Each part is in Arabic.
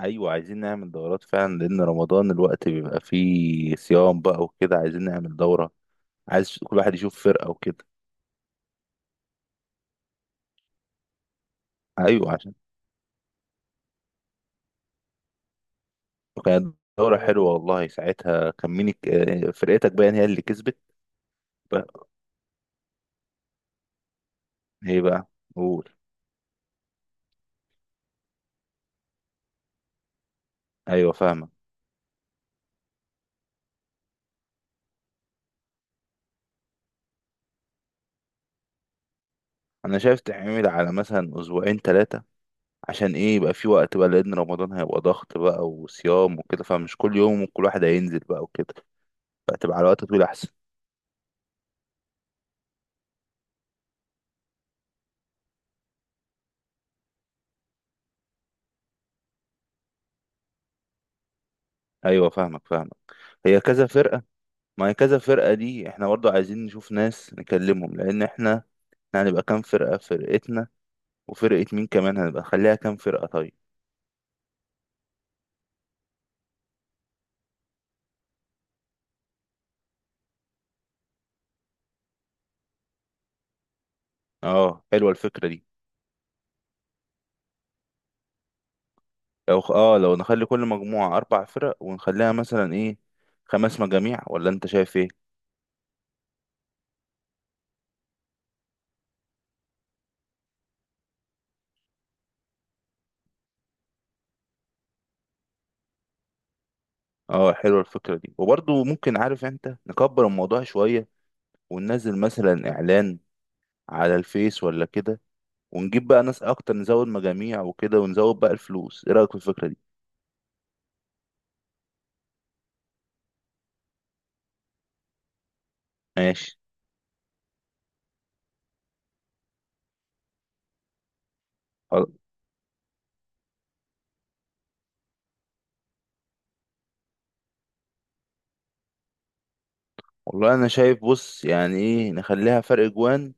ايوه، عايزين نعمل دورات فعلا لان رمضان الوقت بيبقى فيه صيام بقى وكده، عايزين نعمل دورة. عايز كل واحد يشوف فرقة وكده. ايوه عشان كانت دورة حلوة والله. ساعتها كان مين فرقتك باين هي اللي كسبت. بقى ايه بقى؟ قول. ايوه فاهمة. انا شايف تعمل على مثلا اسبوعين ثلاثة، عشان ايه يبقى في وقت بقى، لان رمضان هيبقى ضغط بقى وصيام وكده، فمش كل يوم وكل واحد هينزل بقى وكده، فتبقى على وقت طويل احسن. ايوه فاهمك. هي كذا فرقة؟ ما هي كذا فرقة دي احنا برضو عايزين نشوف ناس نكلمهم، لأن احنا احنا هنبقى كام فرقة؟ فرقتنا وفرقة مين كمان؟ هنبقى نخليها كام فرقة طيب؟ اه حلوة الفكرة دي. لو خ- اه لو نخلي كل مجموعة أربع فرق ونخليها مثلا ايه، خمس مجاميع؟ ولا انت شايف ايه؟ اه حلوة الفكرة دي، وبرضو ممكن، عارف انت، نكبر الموضوع شوية وننزل مثلا إعلان على الفيس ولا كده، ونجيب بقى ناس أكتر، نزود مجاميع وكده ونزود بقى الفلوس. ايه رأيك في الفكرة دي؟ ماشي. والله انا شايف بص، يعني ايه، نخليها فرق جوان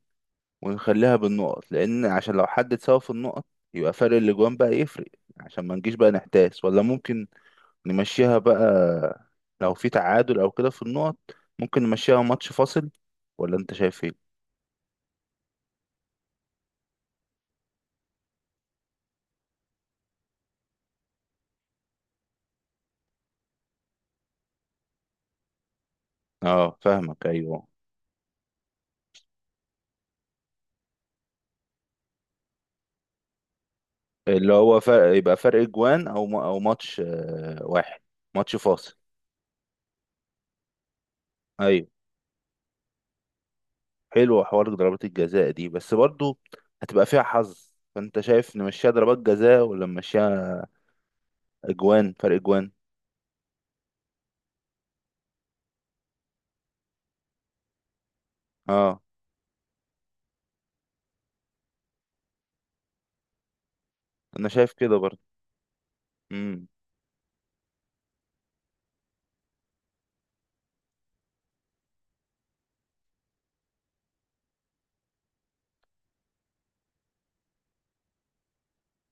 ونخليها بالنقط، لان عشان لو حد اتساوى في النقط يبقى فرق الاجوان بقى يفرق، عشان ما نجيش بقى نحتاس. ولا ممكن نمشيها بقى، لو في تعادل او كده في النقط، ممكن نمشيها ماتش فاصل. ولا انت شايف ايه؟ اه فاهمك، ايوه. اللي هو فرق، يبقى فرق جوان، او ما- او ماتش واحد، ماتش فاصل. ايوه حلوة حوار ضربات الجزاء دي، بس برضو هتبقى فيها حظ، فانت شايف نمشيها ضربات جزاء ولا نمشيها اجوان، فرق اجوان؟ اه انا شايف كده برضو. امم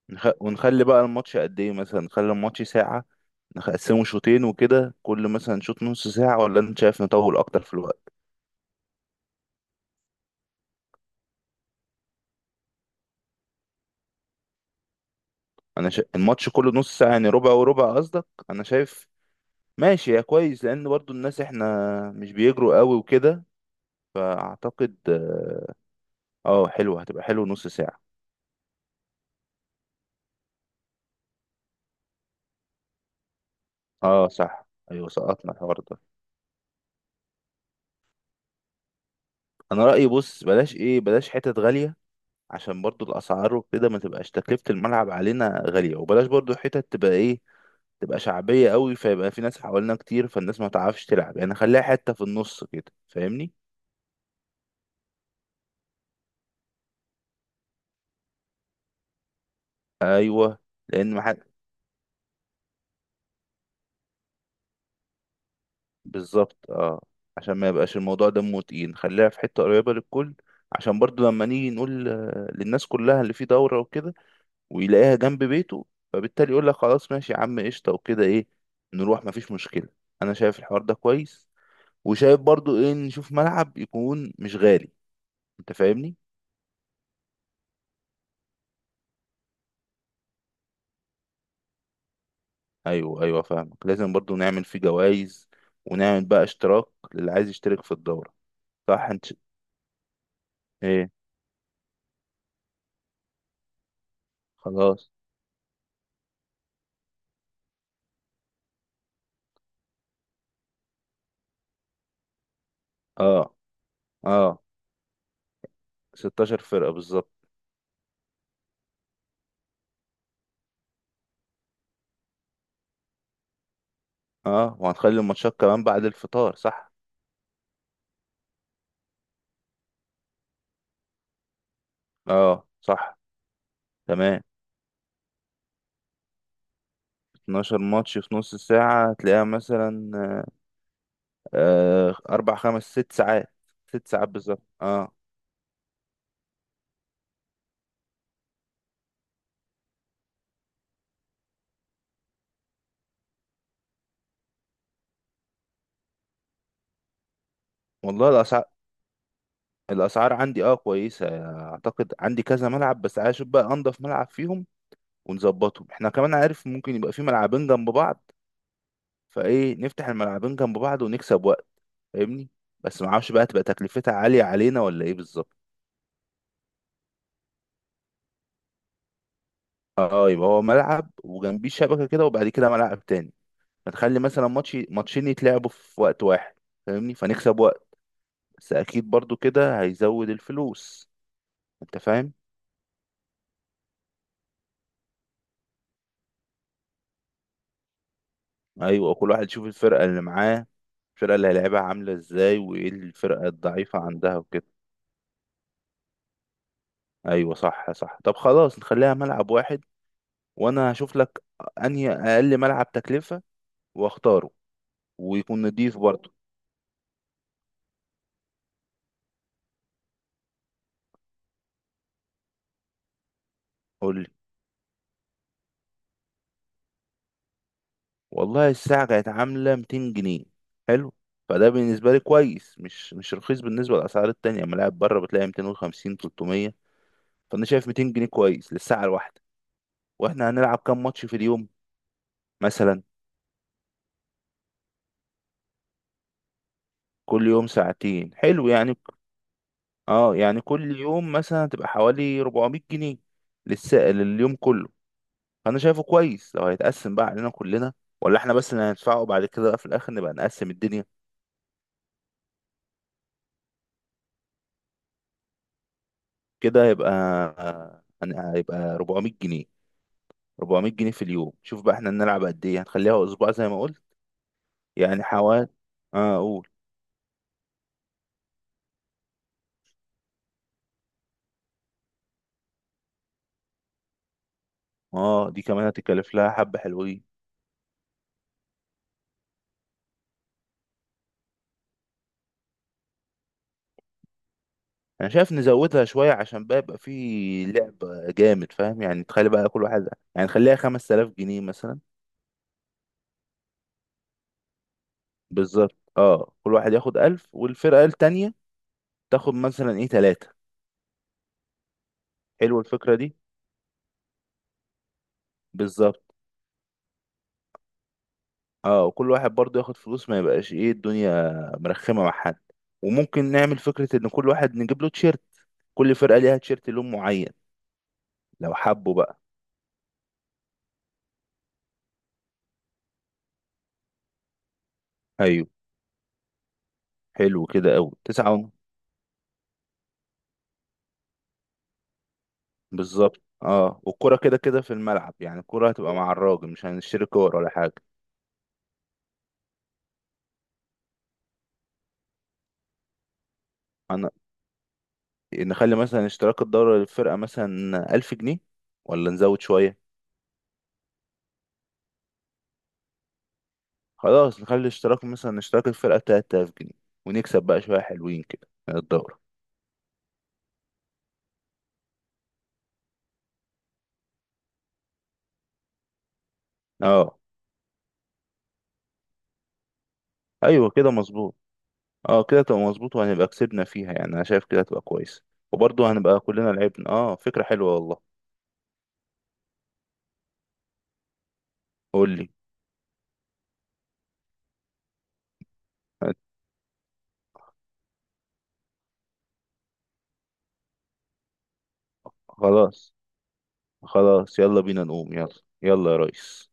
نخ... ونخلي بقى الماتش قد ايه؟ مثلا نخلي الماتش ساعة، نقسمه شوطين وكده، كل مثلا شوط نص ساعة، ولا انت شايف نطول اكتر في الوقت؟ الماتش كله نص ساعة يعني، ربع وربع قصدك؟ انا شايف ماشي يا كويس، لان برضو الناس احنا مش بيجروا قوي وكده، فاعتقد اه حلوة، هتبقى حلو نص ساعة. اه صح، ايوه سقطنا الحوار ده. انا رأيي بص، بلاش ايه، بلاش حتت غالية، عشان برضو الاسعار وكده ما تبقاش تكلفة الملعب علينا غالية، وبلاش برضو حتت تبقى ايه، تبقى شعبية قوي، فيبقى في ناس حوالينا كتير، فالناس ما تعرفش تلعب، يعني خليها حتة في النص كده، فاهمني؟ ايوه، لان ما حد. بالظبط اه، عشان ما يبقاش الموضوع دمه تقيل، خليها في حتة قريبة للكل، عشان برضو لما نيجي نقول للناس كلها اللي في دورة وكده، ويلاقيها جنب بيته، فبالتالي يقول لك خلاص ماشي يا عم قشطة وكده، ايه نروح، مفيش مشكلة. انا شايف الحوار ده كويس، وشايف برضو ايه، نشوف ملعب يكون مش غالي. انت فاهمني؟ ايوه ايوه فاهمك. لازم برضو نعمل فيه جوائز، ونعمل بقى اشتراك للي عايز يشترك في الدورة. صح. ايه؟ خلاص. اه. اه 16 فرقة بالظبط. اه، وهنخلي الماتشات كمان بعد الفطار، صح. اه صح. تمام. 12 ماتش في نص ساعة هتلاقيها مثلا أربع خمس ست ساعات. ست ساعات بالظبط اه. والله الأسعار، الأسعار عندي اه كويسة. أعتقد عندي كذا ملعب، بس عايز أشوف بقى أنضف ملعب فيهم ونظبطهم. احنا كمان، عارف، ممكن يبقى في ملعبين جنب بعض، فإيه، نفتح الملعبين جنب بعض ونكسب وقت، فاهمني؟ بس معرفش بقى تبقى تكلفتها عالية علينا ولا إيه بالظبط. اه يبقى هو ملعب وجنبيه شبكة كده، وبعد كده ملعب تاني، فتخلي مثلا ماتش ماتشين يتلعبوا في وقت واحد، فاهمني؟ فنكسب وقت، بس أكيد برضو كده هيزود الفلوس، انت فاهم. ايوه كل واحد يشوف الفرقه اللي معاه، الفرقه اللي هيلعبها عامله ازاي، وايه الفرقه الضعيفه عندها وكده. ايوه صح صح. طب خلاص نخليها ملعب واحد، وانا هشوف لك انهي اقل ملعب تكلفه واختاره، ويكون نضيف برضه. قول لي. والله الساعه كانت عامله 200 جنيه. حلو، فده بالنسبه لي كويس، مش رخيص بالنسبه للاسعار التانية. ملاعب بره بتلاقي 250، 300، فانا شايف 200 جنيه كويس للساعه الواحده. واحنا هنلعب كام ماتش في اليوم مثلا؟ كل يوم ساعتين، حلو يعني. اه يعني كل يوم مثلا هتبقى حوالي 400 جنيه للسائل لليوم كله، فانا شايفه كويس لو هيتقسم بقى علينا كلنا، ولا احنا بس اللي هندفعه، بعد كده بقى في الاخر نبقى نقسم الدنيا. كده هيبقى هيبقى 400 جنيه. 400 جنيه في اليوم، شوف بقى احنا نلعب قد ايه، هنخليها اسبوع زي ما قلت. يعني حوالي، اه اقول. اه دي كمان هتكلف لها حبة حلوين. انا شايف نزودها شويه، عشان بقى يبقى في لعب جامد، فاهم؟ يعني تخلي بقى كل واحد، يعني خليها 5000 جنيه مثلا. بالظبط اه، كل واحد ياخد 1000، والفرقه التانيه تاخد مثلا ايه، ثلاثه. حلو الفكره دي. بالظبط اه، وكل واحد برضه ياخد فلوس، ما يبقاش ايه الدنيا مرخمه مع حد. وممكن نعمل فكره ان كل واحد نجيب له تيشيرت، كل فرقه ليها تيشيرت لون معين. لو حبوا بقى. ايوه. حلو كده قوي، 9. بالظبط اه، والكرة كده كده في الملعب، يعني الكرة هتبقى مع الراجل، مش هنشتري كور ولا حاجة. هن... نخلي مثلا اشتراك الدورة للفرقة مثلا ألف جنيه، ولا نزود شوية؟ خلاص نخلي اشتراك مثلا، اشتراك الفرقة تلات آلاف جنيه، ونكسب بقى شوية حلوين كده من الدورة. اه أيوة كده مظبوط. اه كده تبقى مظبوط، وهنبقى كسبنا فيها، يعني أنا شايف كده هتبقى كويس. وبرضه هنبقى كلنا لعبنا، اه فكرة حلوة والله. قول لي. خلاص خلاص يلا بينا نقوم، يلا. يلا يا ريس.